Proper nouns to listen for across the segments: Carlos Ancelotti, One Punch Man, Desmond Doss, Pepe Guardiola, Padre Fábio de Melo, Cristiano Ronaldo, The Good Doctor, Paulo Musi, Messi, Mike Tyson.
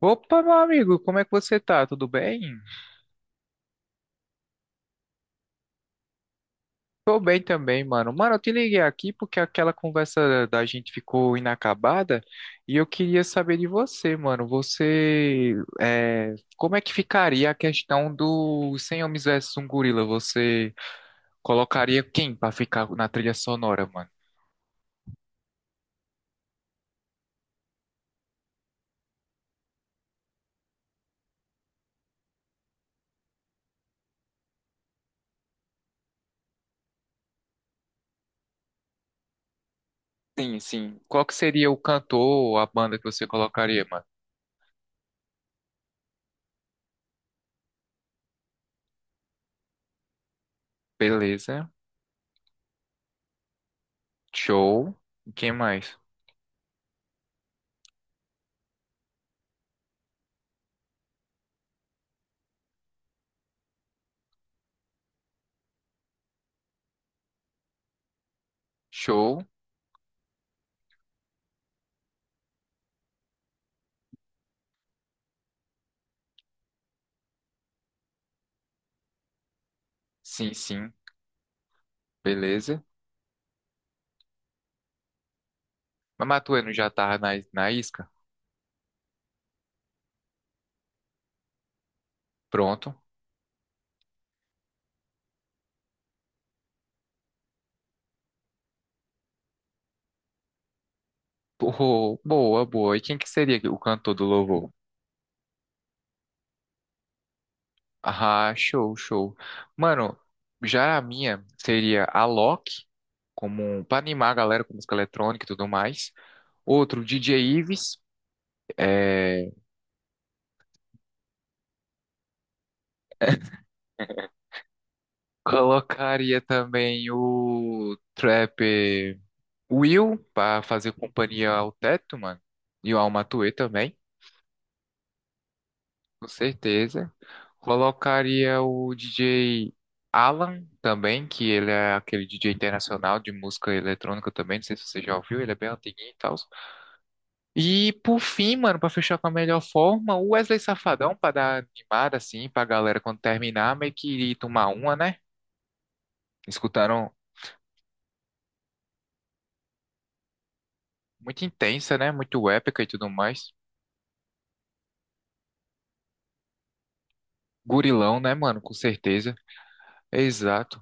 Opa, meu amigo, como é que você tá? Tudo bem? Tô bem também, mano. Mano, eu te liguei aqui porque aquela conversa da gente ficou inacabada e eu queria saber de você, mano. Você, como é que ficaria a questão do 100 Homens versus um Gorila? Você colocaria quem pra ficar na trilha sonora, mano? Sim, sim. Qual que seria o cantor ou a banda que você colocaria, mano? Beleza. Show. Quem mais? Show. Sim, sim. Beleza. Mas Matueno já tava na isca? Pronto. Pô, boa, boa. E quem que seria o cantor do louvor? Ah, show, show. Mano, já a minha seria a Loki, como pra animar a galera com música eletrônica e tudo mais. Outro, DJ Ives. É, Colocaria também o Trap Will pra fazer companhia ao Teto, mano. E ao Matuê também. Com certeza. Colocaria o DJ Alan também, que ele é aquele DJ internacional de música eletrônica também. Não sei se você já ouviu, ele é bem antiguinho e tal. E por fim, mano, pra fechar com a melhor forma, o Wesley Safadão, pra dar animada assim, pra galera quando terminar, meio que ir tomar uma, né? Escutaram muito intensa, né? Muito épica e tudo mais. Gurilão, né, mano? Com certeza. Exato.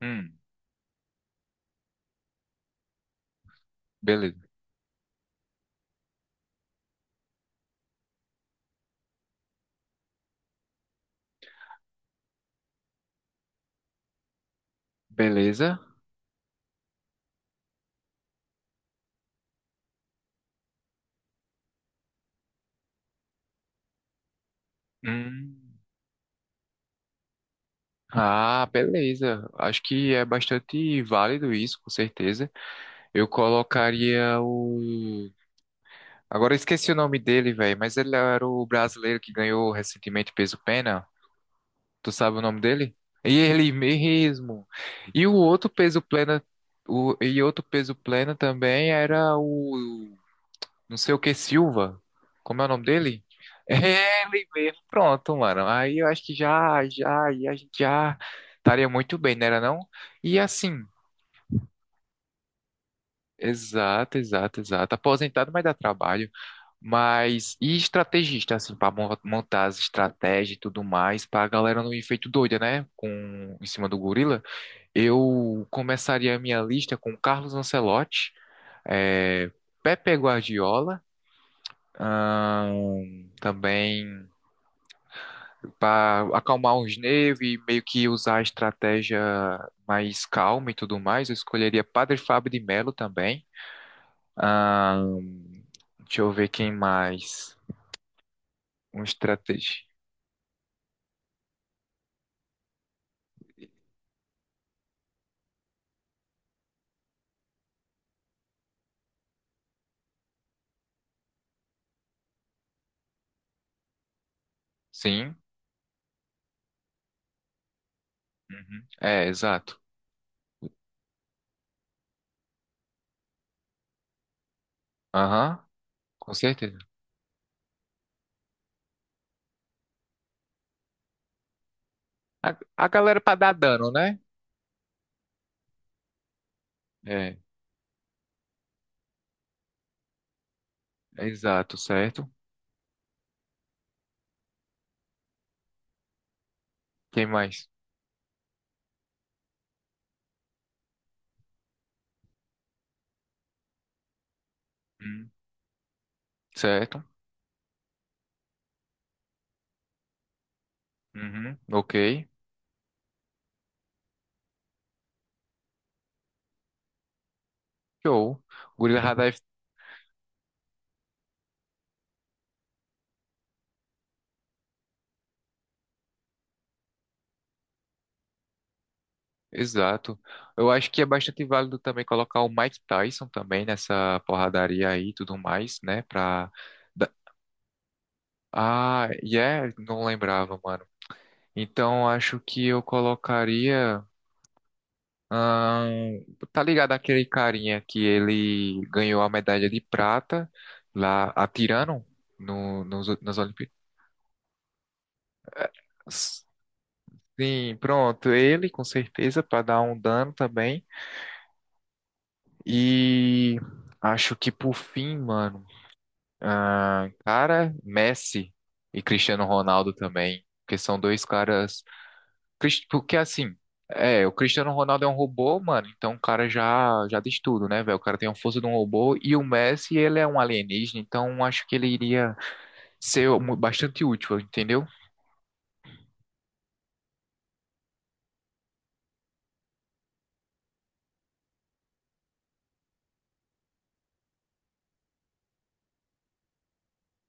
Hum, beleza. Beleza. Hum. Ah, beleza. Acho que é bastante válido isso, com certeza. Eu colocaria o. Agora eu esqueci o nome dele, velho, mas ele era o brasileiro que ganhou recentemente peso pena. Tu sabe o nome dele? E ele mesmo. E o outro peso plena, o... e outro peso plena também era o não sei o que Silva. Como é o nome dele? Ele mesmo. Pronto, mano. Aí eu acho que e a gente já estaria muito bem, não era não? E assim, exato, exato, exato. Aposentado, mas dá trabalho. Mas e estrategista, assim, para montar as estratégias e tudo mais, para a galera não ir feito doida, né? Com em cima do gorila. Eu começaria a minha lista com Carlos Ancelotti, é, Pepe Guardiola. Também para acalmar os nervos e meio que usar a estratégia mais calma e tudo mais, eu escolheria Padre Fábio de Melo também. Ahn, deixa eu ver quem mais. Um estratégia. Sim. Uhum. É, exato. Aham, com certeza. A galera para dar dano, né? É, exato, certo. Quem mais? Hum, certo. Uhum, ok. Show. Gurila. Exato. Eu acho que é bastante válido também colocar o Mike Tyson também nessa porradaria aí e tudo mais, né? Pra. Da- yeah, não lembrava, mano. Então acho que eu colocaria. ahn, tá ligado aquele carinha que ele ganhou a medalha de prata lá atirando no, nos, nas Olimpíadas? Sim, pronto. Ele, com certeza, pra dar um dano também. E acho que por fim, mano. Ah, cara, Messi e Cristiano Ronaldo também, porque são dois caras. Cris- Porque assim, é, o Cristiano Ronaldo é um robô, mano, então o cara já diz tudo, né, velho? O cara tem a força de um robô e o Messi, ele é um alienígena, então acho que ele iria ser mu- bastante útil, entendeu?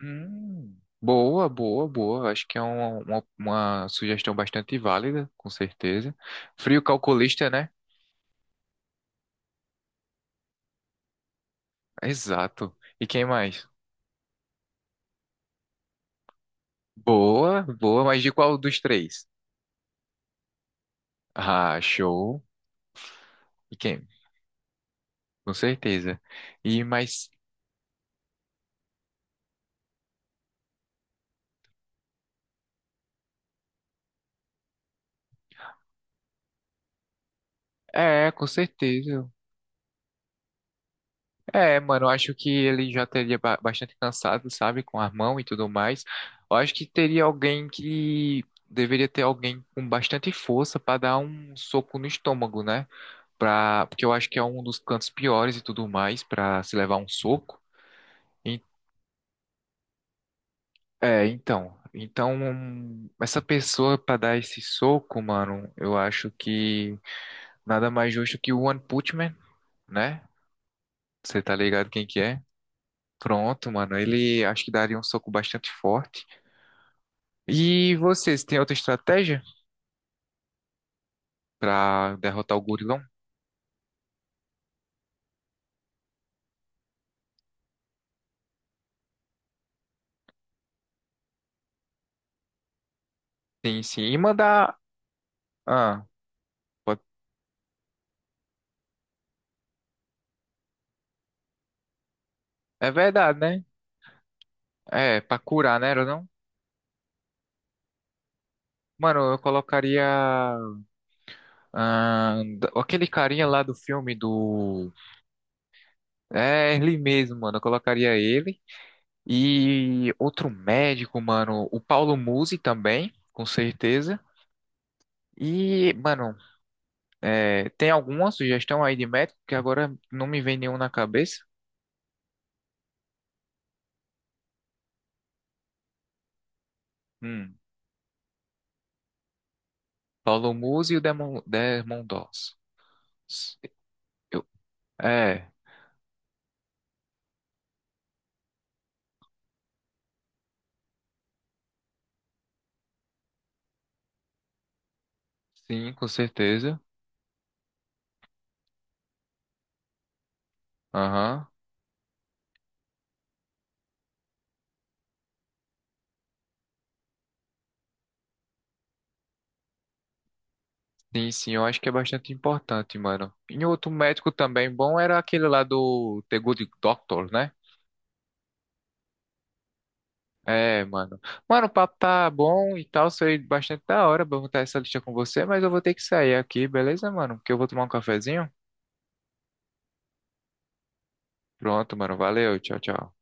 Boa, boa, boa. Acho que é uma sugestão bastante válida, com certeza. Frio calculista, né? Exato. E quem mais? Boa, boa, mas de qual dos três? Ah, show. E quem? Com certeza. E mas é, com certeza. É, mano, eu acho que ele já teria ba- bastante cansado, sabe, com a mão e tudo mais. Eu acho que teria alguém que deveria ter alguém com bastante força para dar um soco no estômago, né? Pra, porque eu acho que é um dos cantos piores e tudo mais pra se levar um soco. En- É, então, então um, essa pessoa pra dar esse soco, mano, eu acho que nada mais justo que o One Punch Man, né? Você tá ligado quem que é? Pronto, mano, ele acho que daria um soco bastante forte. E vocês tem outra estratégia pra derrotar o gorilão? Tem sim, e mandar, ah, pode- é verdade, né? É, pra curar, né, ou não? Mano, eu colocaria. Ah, d- aquele carinha lá do filme do. É, ele mesmo, mano. Eu colocaria ele. E outro médico, mano. O Paulo Musi também, com certeza. E, mano, é, tem alguma sugestão aí de médico que agora não me vem nenhum na cabeça? Hum, Paulo Musi e o Demon, Desmond Doss. Eu, é, sim, com certeza. Aham. Sim, sim, eu acho que é bastante importante, mano. E outro médico também bom era aquele lá do The Good Doctor, né? É, mano. Mano, o papo tá bom e tal, foi bastante da hora pra eu montar essa lista com você, mas eu vou ter que sair aqui, beleza, mano? Porque eu vou tomar um cafezinho. Pronto, mano, valeu, tchau, tchau.